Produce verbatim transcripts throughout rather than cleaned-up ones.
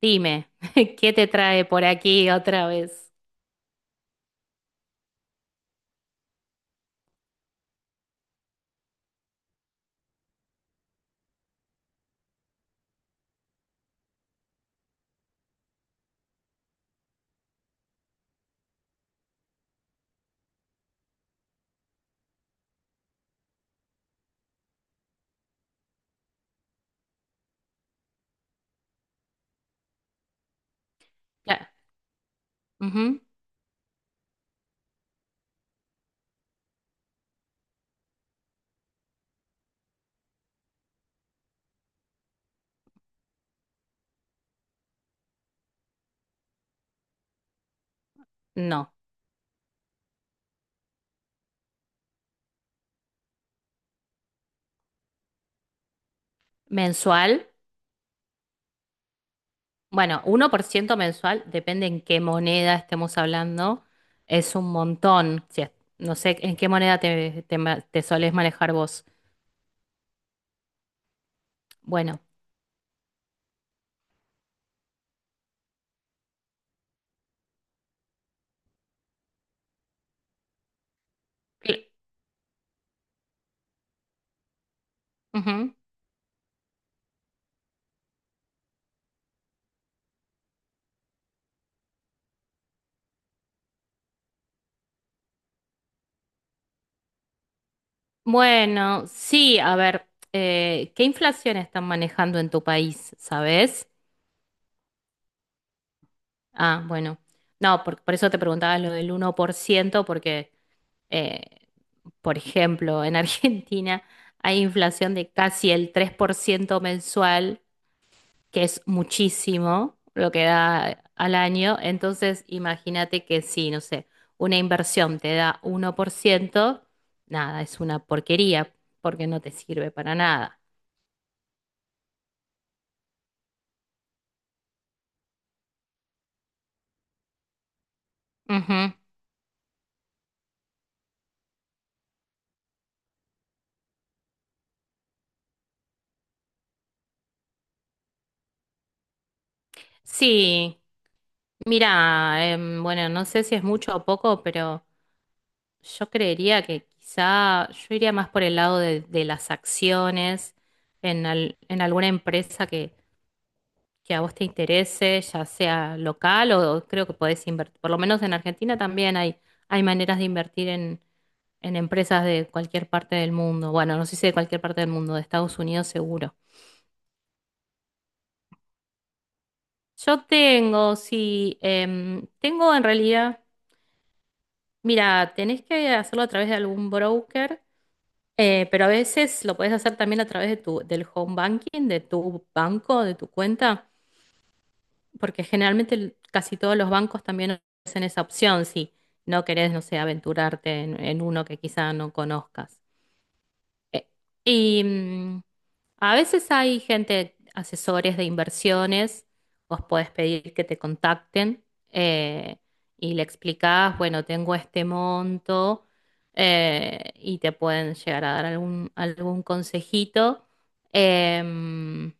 Dime, ¿qué te trae por aquí otra vez? Cla- ujú, No. ¿Mensual? Bueno, uno por ciento mensual, depende en qué moneda estemos hablando, es un montón. Si es- no sé en qué moneda te, te ma- te solés manejar vos. Bueno. cl- ujú. Bueno, sí, a ver, eh, ¿qué inflación están manejando en tu país, sabes? Ah, bueno. No, por, por eso te preguntaba lo del uno por ciento porque... eh, Por ejemplo, en Argentina hay inflación de casi el tres por ciento mensual, que es muchísimo lo que da al año. Entonces, imagínate que si, no sé, una inversión te da uno por ciento, nada, es una porquería porque no te sirve para nada. Ujú. Sí, mira, em, bueno, no sé si es mucho o poco, pero yo creería que quizá yo iría más por el lado de, de las acciones en, al- en alguna empresa que, que a vos te interese, ya sea local o creo que podés invertir. Por lo menos en Argentina también hay, hay maneras de invertir en, en empresas de cualquier parte del mundo. Bueno, no sé si de cualquier parte del mundo, de Estados Unidos seguro. Yo tengo, sí, em, tengo en realidad. Mira, tenés que hacerlo a través de algún broker, eh, pero a veces lo podés hacer también a través de tu, del home banking, de tu banco, de tu cuenta, porque generalmente el- casi todos los bancos también ofrecen esa opción si no querés, no sé, aventurarte en, en uno que quizá no conozcas. Eh, Y mm, a veces hay gente, asesores de inversiones, vos podés pedir que te contacten eh, y le explicás, bueno, tengo este monto eh, y te pueden llegar a dar algún, algún consejito. Em,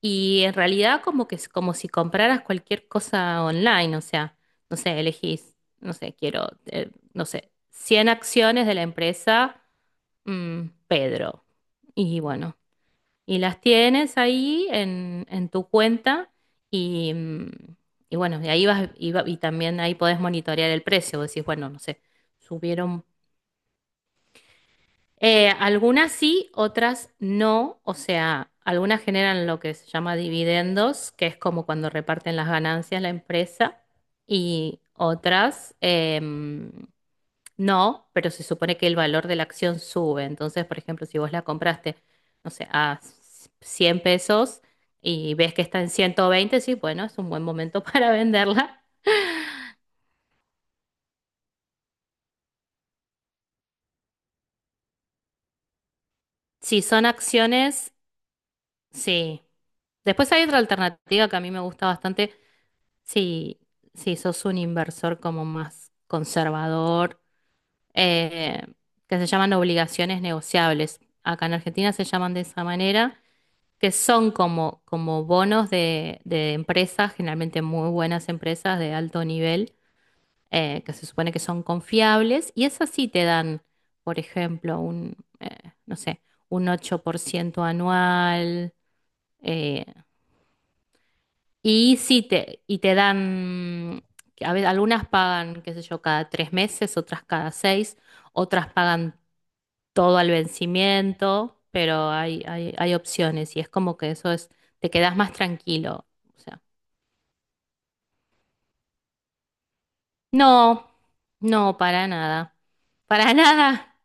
y en realidad como que es como si compraras cualquier cosa online, o sea, no sé, elegís, no sé, quiero, eh, no sé, cien acciones de la empresa mm, Pedro. Y bueno, y las tienes ahí en, en tu cuenta y, mm, y bueno, de ahí vas y, va- y también ahí podés monitorear el precio. Vos decís, bueno, no sé, subieron. eh, algunas sí, otras no. O sea, algunas generan lo que se llama dividendos, que es como cuando reparten las ganancias la empresa, y otras, em, no, pero se supone que el valor de la acción sube. Entonces, por ejemplo, si vos la compraste, no sé, a cien pesos y ves que está en ciento veinte, sí, bueno, es un buen momento para venderla. Si son acciones, sí. Después hay otra alternativa que a mí me gusta bastante. Si, si sos un inversor como más conservador, eh, que se llaman obligaciones negociables. Acá en Argentina se llaman de esa manera que son como, como bonos de, de empresas, generalmente muy buenas empresas de alto nivel, eh, que se supone que son confiables, y esas sí te dan, por ejemplo, un, eh, no sé, un ocho por ciento anual, eh, y sí te, y te dan, que a veces algunas pagan, qué sé yo, cada tres meses, otras cada seis, otras pagan todo al vencimiento, pero hay, hay, hay opciones y es como que eso es, te quedas más tranquilo. O sea, no, no, para nada, para nada.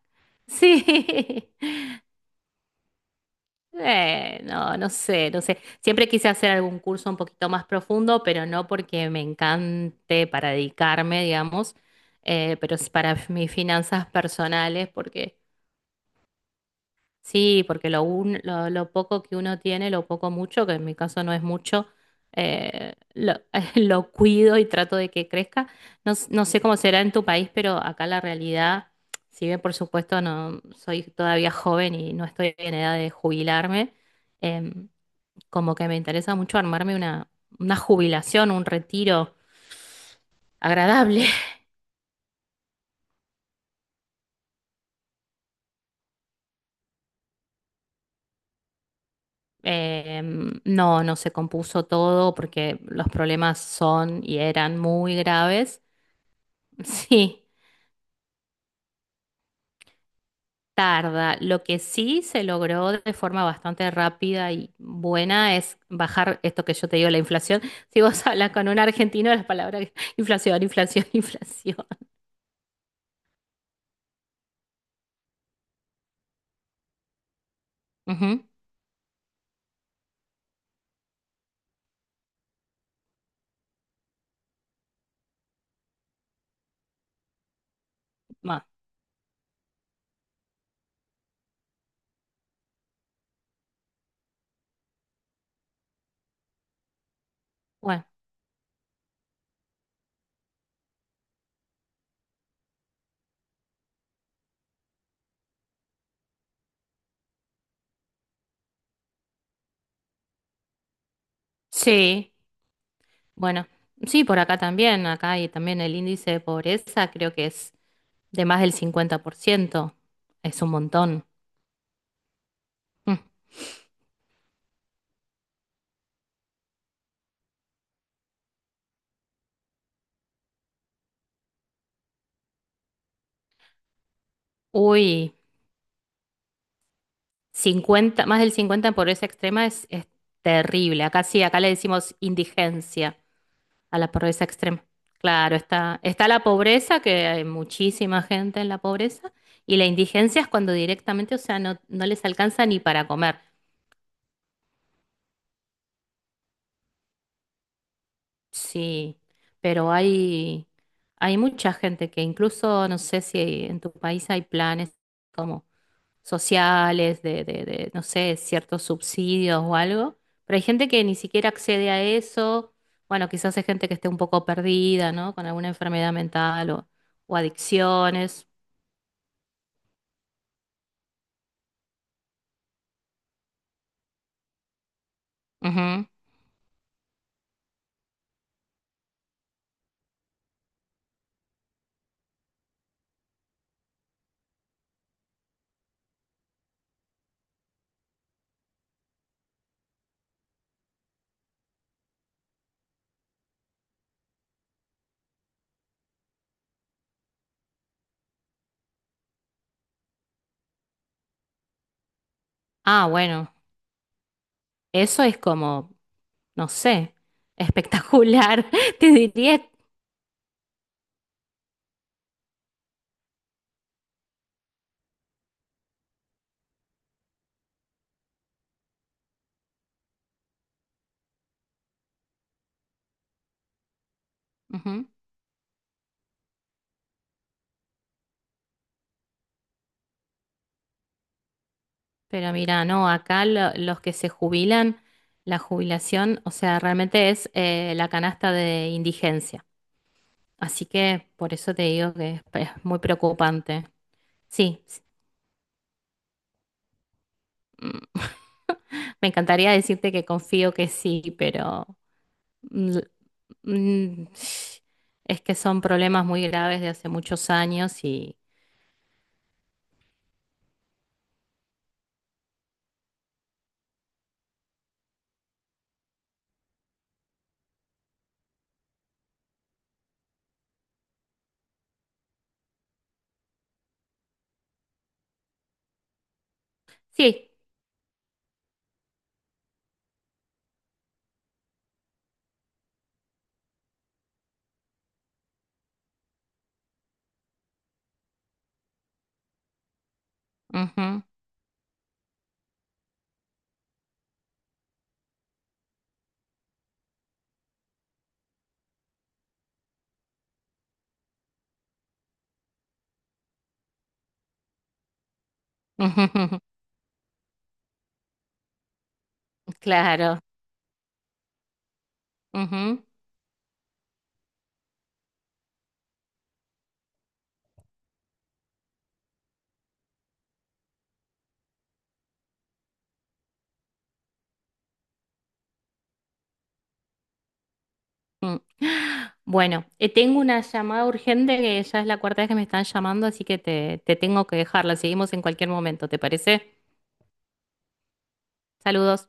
Sí. Eh, no, no sé, no sé. Siempre quise hacer algún curso un poquito más profundo, pero no porque me encante para dedicarme, digamos, eh, pero es para mis finanzas personales, porque sí, porque lo, un- lo, lo poco que uno tiene, lo poco mucho, que en mi caso no es mucho, eh, lo, lo cuido y trato de que crezca. No, s- no sé cómo será en tu país, pero acá la realidad, si bien por supuesto no soy todavía joven y no estoy en edad de jubilarme, em, como que me interesa mucho armarme una, una jubilación, un retiro agradable. Em, no, no se compuso todo porque los problemas son y eran muy graves. Sí, tarda. Lo que sí se logró de forma bastante rápida y buena es bajar esto que yo te digo, la inflación. Si vos hablas con un argentino, las palabras inflación, inflación, inflación. Ujú. Ma- Bueno, sí, bueno, sí, por acá también, acá y también el índice de pobreza creo que es de más del cincuenta por ciento. Es un montón. Mm. Uy, cincuenta, más del cincuenta en pobreza extrema es, es terrible. Acá sí, acá le decimos indigencia. A la pobreza extrema. Claro, está, está la pobreza, que hay muchísima gente en la pobreza, y la indigencia es cuando directamente, o sea, no, no les alcanza ni para comer. Sí, pero hay, hay mucha gente que incluso, no sé si en tu país hay planes como sociales, de, de, de, no sé, ciertos subsidios o algo, pero hay gente que ni siquiera accede a eso. Bueno, quizás hay gente que esté un poco perdida, ¿no? Con alguna enfermedad mental o o adicciones. Ujú. Ah, bueno, eso es como, no sé, espectacular, te diría. Ujú. Pero mira, no, acá lo- los que se jubilan, la jubilación, o sea, realmente es eh, la canasta de indigencia. Así que por eso te digo que es, es muy preocupante. Sí, sí. Mm, me encantaría decirte que confío que sí, pero mm, mm, es que son problemas muy graves de hace muchos años y sí. Ujú. Ujú, claro. Ujú, mm. Bueno, eh, tengo una llamada urgente que ya es la cuarta vez que me están llamando, así que te, te tengo que dejarla. Seguimos en cualquier momento, ¿te parece? Saludos.